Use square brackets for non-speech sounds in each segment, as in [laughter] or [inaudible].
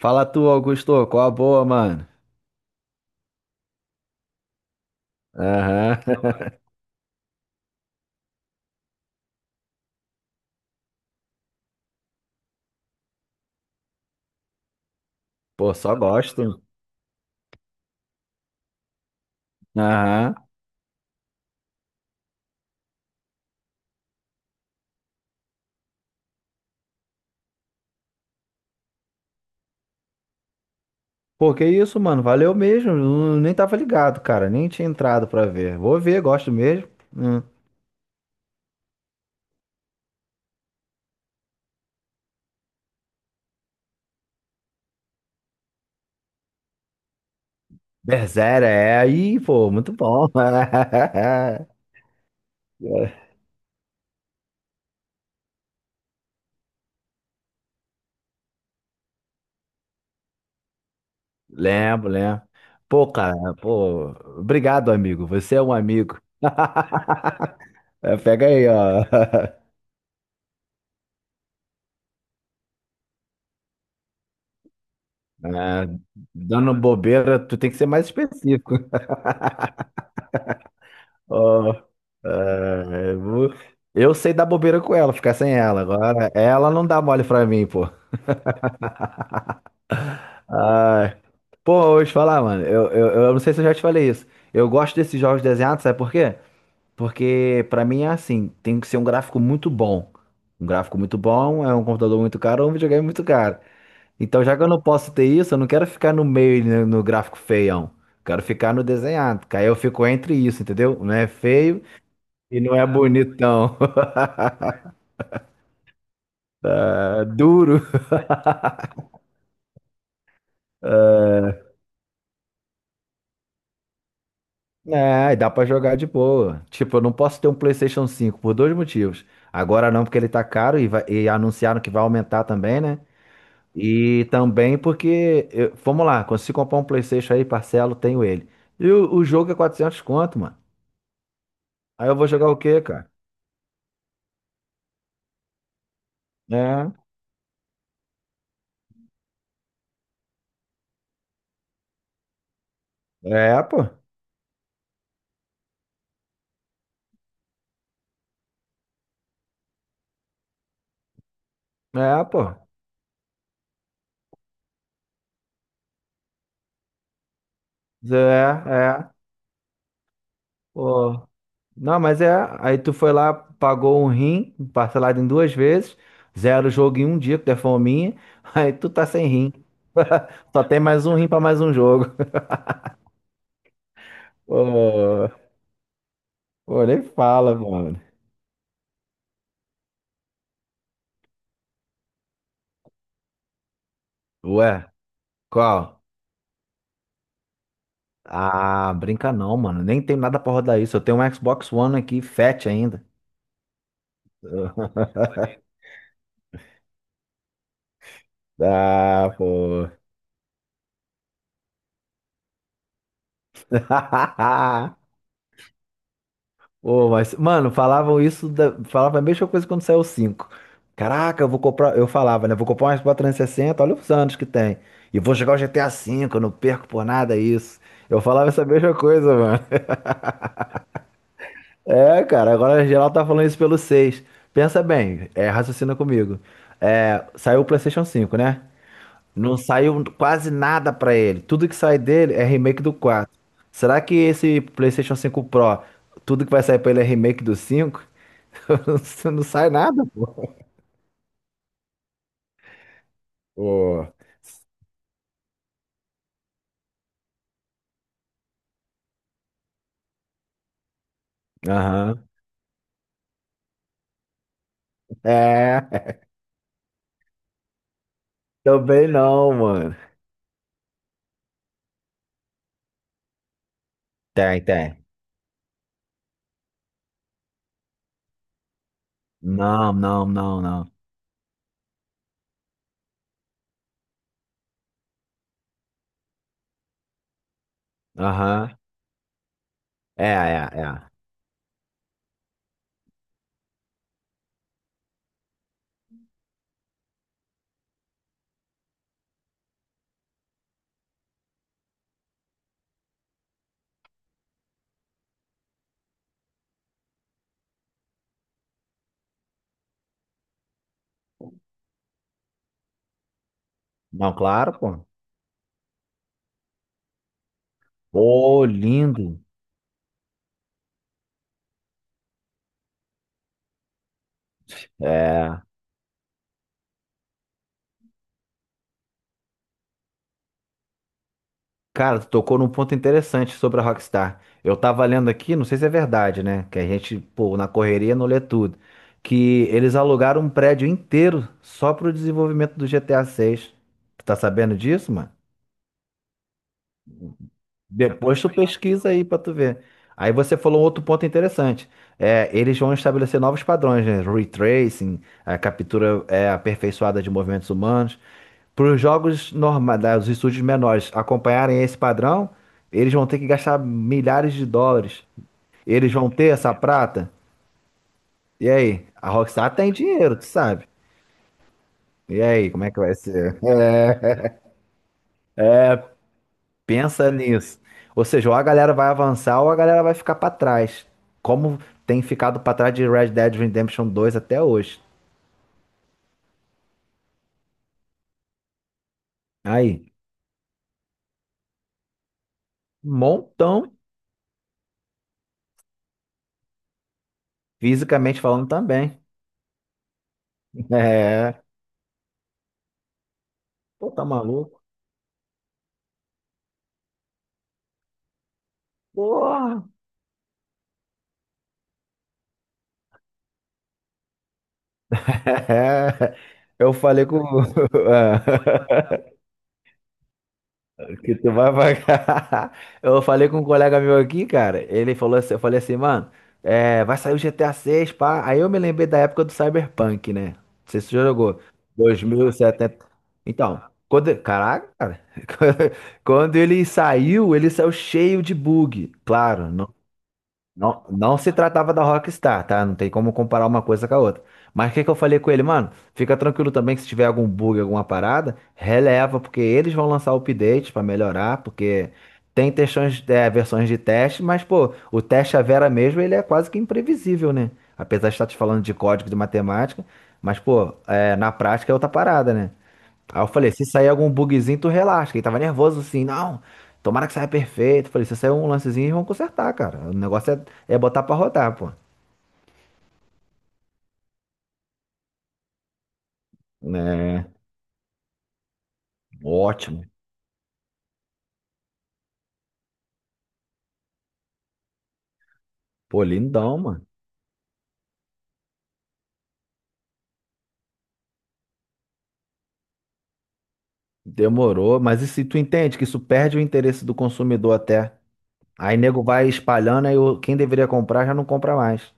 Fala tu, Augusto, qual a boa, mano? Aham. [laughs] Pô, só gosto. Aham. Pô, que isso, mano? Valeu mesmo. Eu nem tava ligado, cara. Nem tinha entrado pra ver. Vou ver, gosto mesmo. Hum. Berserker, é aí, pô, muito bom. [laughs] Lembro, lembro. Pô, cara, pô, obrigado, amigo. Você é um amigo. [laughs] É, pega aí, ó. [laughs] É, dando bobeira, tu tem que ser mais específico. Ó, é, eu sei dar bobeira com ela, ficar sem ela. Agora, ela não dá mole pra mim, pô. Ah, pô, eu vou te falar, mano. Eu não sei se eu já te falei isso. Eu gosto desses jogos desenhados, sabe por quê? Porque pra mim é assim, tem que ser um gráfico muito bom. Um gráfico muito bom é um computador muito caro ou um videogame muito caro. Então, já que eu não posso ter isso, eu não quero ficar no meio, né, no gráfico feião. Quero ficar no desenhado. Que Aí eu fico entre isso, entendeu? Não é feio e não é bonitão. É duro. É, e dá pra jogar de boa. Tipo, eu não posso ter um PlayStation cinco por dois motivos. Agora não, porque ele tá caro e, e anunciaram que vai aumentar também, né? E também porque, vamos lá, consigo comprar um PlayStation aí, parcelo, tenho ele. E o jogo é 400 conto, mano. Aí eu vou jogar o quê, cara? É, é, pô. É, pô. É, é. Pô. Não, mas é. Aí tu foi lá, pagou um rim, parcelado em duas vezes, zero o jogo em um dia, que tu é fominha. [laughs] Aí tu tá sem rim. [laughs] Só tem mais um rim pra mais um jogo. [laughs] Pô, pô, nem fala, mano. Ué, qual? Ah, brinca não, mano. Nem tem nada pra rodar isso. Eu tenho um Xbox One aqui, fat ainda. [laughs] Ah, pô. [laughs] Ô, mas, mano, falavam isso, falava a mesma coisa quando saiu o 5. Caraca, eu vou comprar, eu falava, né? Vou comprar uma Xbox 360, olha os anos que tem. E vou jogar o GTA 5, eu não perco por nada isso. Eu falava essa mesma coisa, mano. [laughs] É, cara, agora geral tá falando isso pelo 6. Pensa bem, é, raciocina comigo. É, saiu o PlayStation cinco, né? Não saiu quase nada pra ele. Tudo que sai dele é remake do 4. Será que esse PlayStation cinco Pro, tudo que vai sair pra ele é remake do 5? [laughs] Você não sai nada, pô. Ô, aham. É, também não, mano. Tem, tem. Não, não, não, não. Aham. É, é, é. Não, claro, pô. Ô, lindo. É. Cara, tu tocou num ponto interessante sobre a Rockstar. Eu tava lendo aqui, não sei se é verdade, né? Que a gente, pô, na correria não lê tudo. Que eles alugaram um prédio inteiro só pro desenvolvimento do GTA 6. Tu tá sabendo disso, mano? Depois tu pesquisa aí pra tu ver. Aí você falou um outro ponto interessante. É, eles vão estabelecer novos padrões, né? Retracing, a captura é, aperfeiçoada de movimentos humanos. Para os jogos normais, os estúdios menores acompanharem esse padrão, eles vão ter que gastar milhares de dólares. Eles vão ter essa prata? E aí? A Rockstar tem dinheiro, tu sabe? E aí, como é que vai ser? É. Pensa nisso. Ou seja, ou a galera vai avançar ou a galera vai ficar pra trás. Como tem ficado pra trás de Red Dead Redemption dois até hoje. Aí, um montão, fisicamente falando também. [laughs] É. Pô, tá maluco? Porra! [laughs] É. Eu falei com. [laughs] Que tu vai pagar. [laughs] Eu falei com um colega meu aqui, cara. Ele falou assim, eu falei assim, mano, é, vai sair o GTA 6, pá. Aí eu me lembrei da época do Cyberpunk, né? Não sei se você já jogou. 2070. Então, quando, caraca, cara. [laughs] Quando ele saiu cheio de bug. Claro, não, não se tratava da Rockstar, tá? Não tem como comparar uma coisa com a outra. Mas o que que eu falei com ele, mano? Fica tranquilo também que se tiver algum bug, alguma parada, releva, porque eles vão lançar o update pra melhorar, porque tem textões, é, versões de teste, mas, pô, o teste a Vera mesmo, ele é quase que imprevisível, né? Apesar de estar te falando de código de matemática, mas, pô, é, na prática é outra parada, né? Aí eu falei, se sair algum bugzinho, tu relaxa. Que Ele tava nervoso assim, não, tomara que saia perfeito. Eu falei, se sair um lancezinho, eles vão consertar, cara. O negócio é, é botar pra rodar, pô. Né? Ótimo. Pô, lindão, mano. Demorou, mas e se tu entende que isso perde o interesse do consumidor até? Aí nego vai espalhando, quem deveria comprar já não compra mais.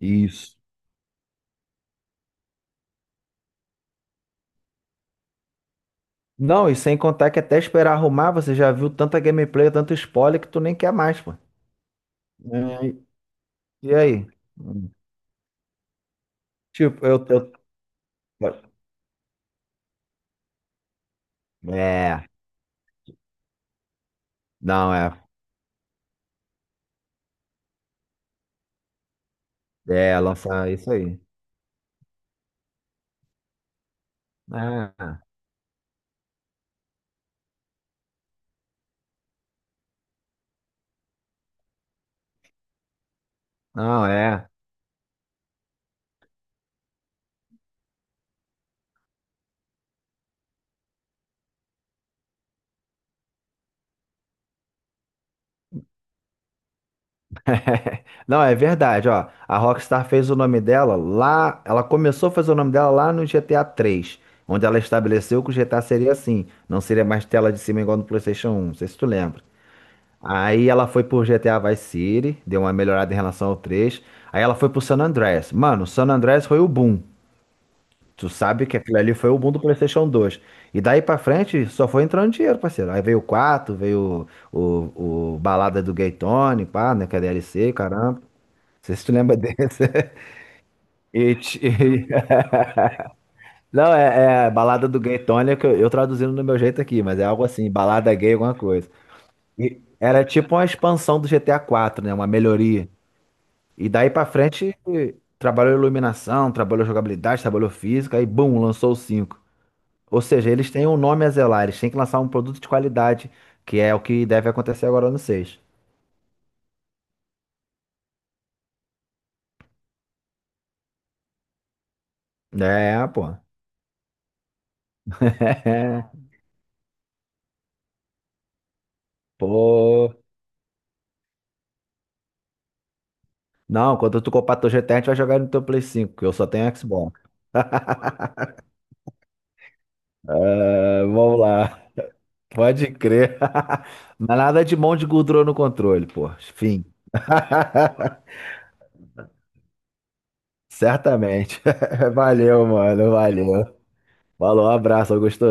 Isso. Não, e sem contar que até esperar arrumar, você já viu tanta gameplay, tanto spoiler que tu nem quer mais, pô. É, e aí? Tipo, eu- é, não, é, é, lançar isso aí. É, não, é. [laughs] Não, é verdade, ó. A Rockstar fez o nome dela lá, ela começou a fazer o nome dela lá no GTA 3, onde ela estabeleceu que o GTA seria assim, não seria mais tela de cima igual no PlayStation 1, não sei se tu lembra. Aí ela foi pro GTA Vice City, deu uma melhorada em relação ao 3. Aí ela foi pro San Andreas. Mano, San Andreas foi o boom. Tu sabe que aquilo ali foi o boom do PlayStation 2. E daí pra frente só foi entrando dinheiro, parceiro. Aí veio o quatro, veio o, o Balada do Gay Tony, pá, né? Que é DLC, caramba. Não sei se tu lembra desse. [laughs] E ti- e- Não, é, é Balada do Gay Tony, é que eu traduzindo do meu jeito aqui, mas é algo assim, balada gay, alguma coisa. E era tipo uma expansão do GTA 4, né? Uma melhoria. E daí pra frente trabalhou iluminação, trabalhou jogabilidade, trabalhou física, aí bum, lançou o cinco. Ou seja, eles têm um nome a zelar, eles têm que lançar um produto de qualidade, que é o que deve acontecer agora no 6. É, pô. [laughs] Pô. Não, quando tu comprar teu GTA, a gente vai jogar no teu Play 5, que eu só tenho Xbox. É, vamos lá. Pode crer. [laughs] Mas nada de mão de gordura no controle, pô. Fim. [laughs] Certamente. [laughs] Valeu, mano. Valeu. Falou, abraço, Augusto.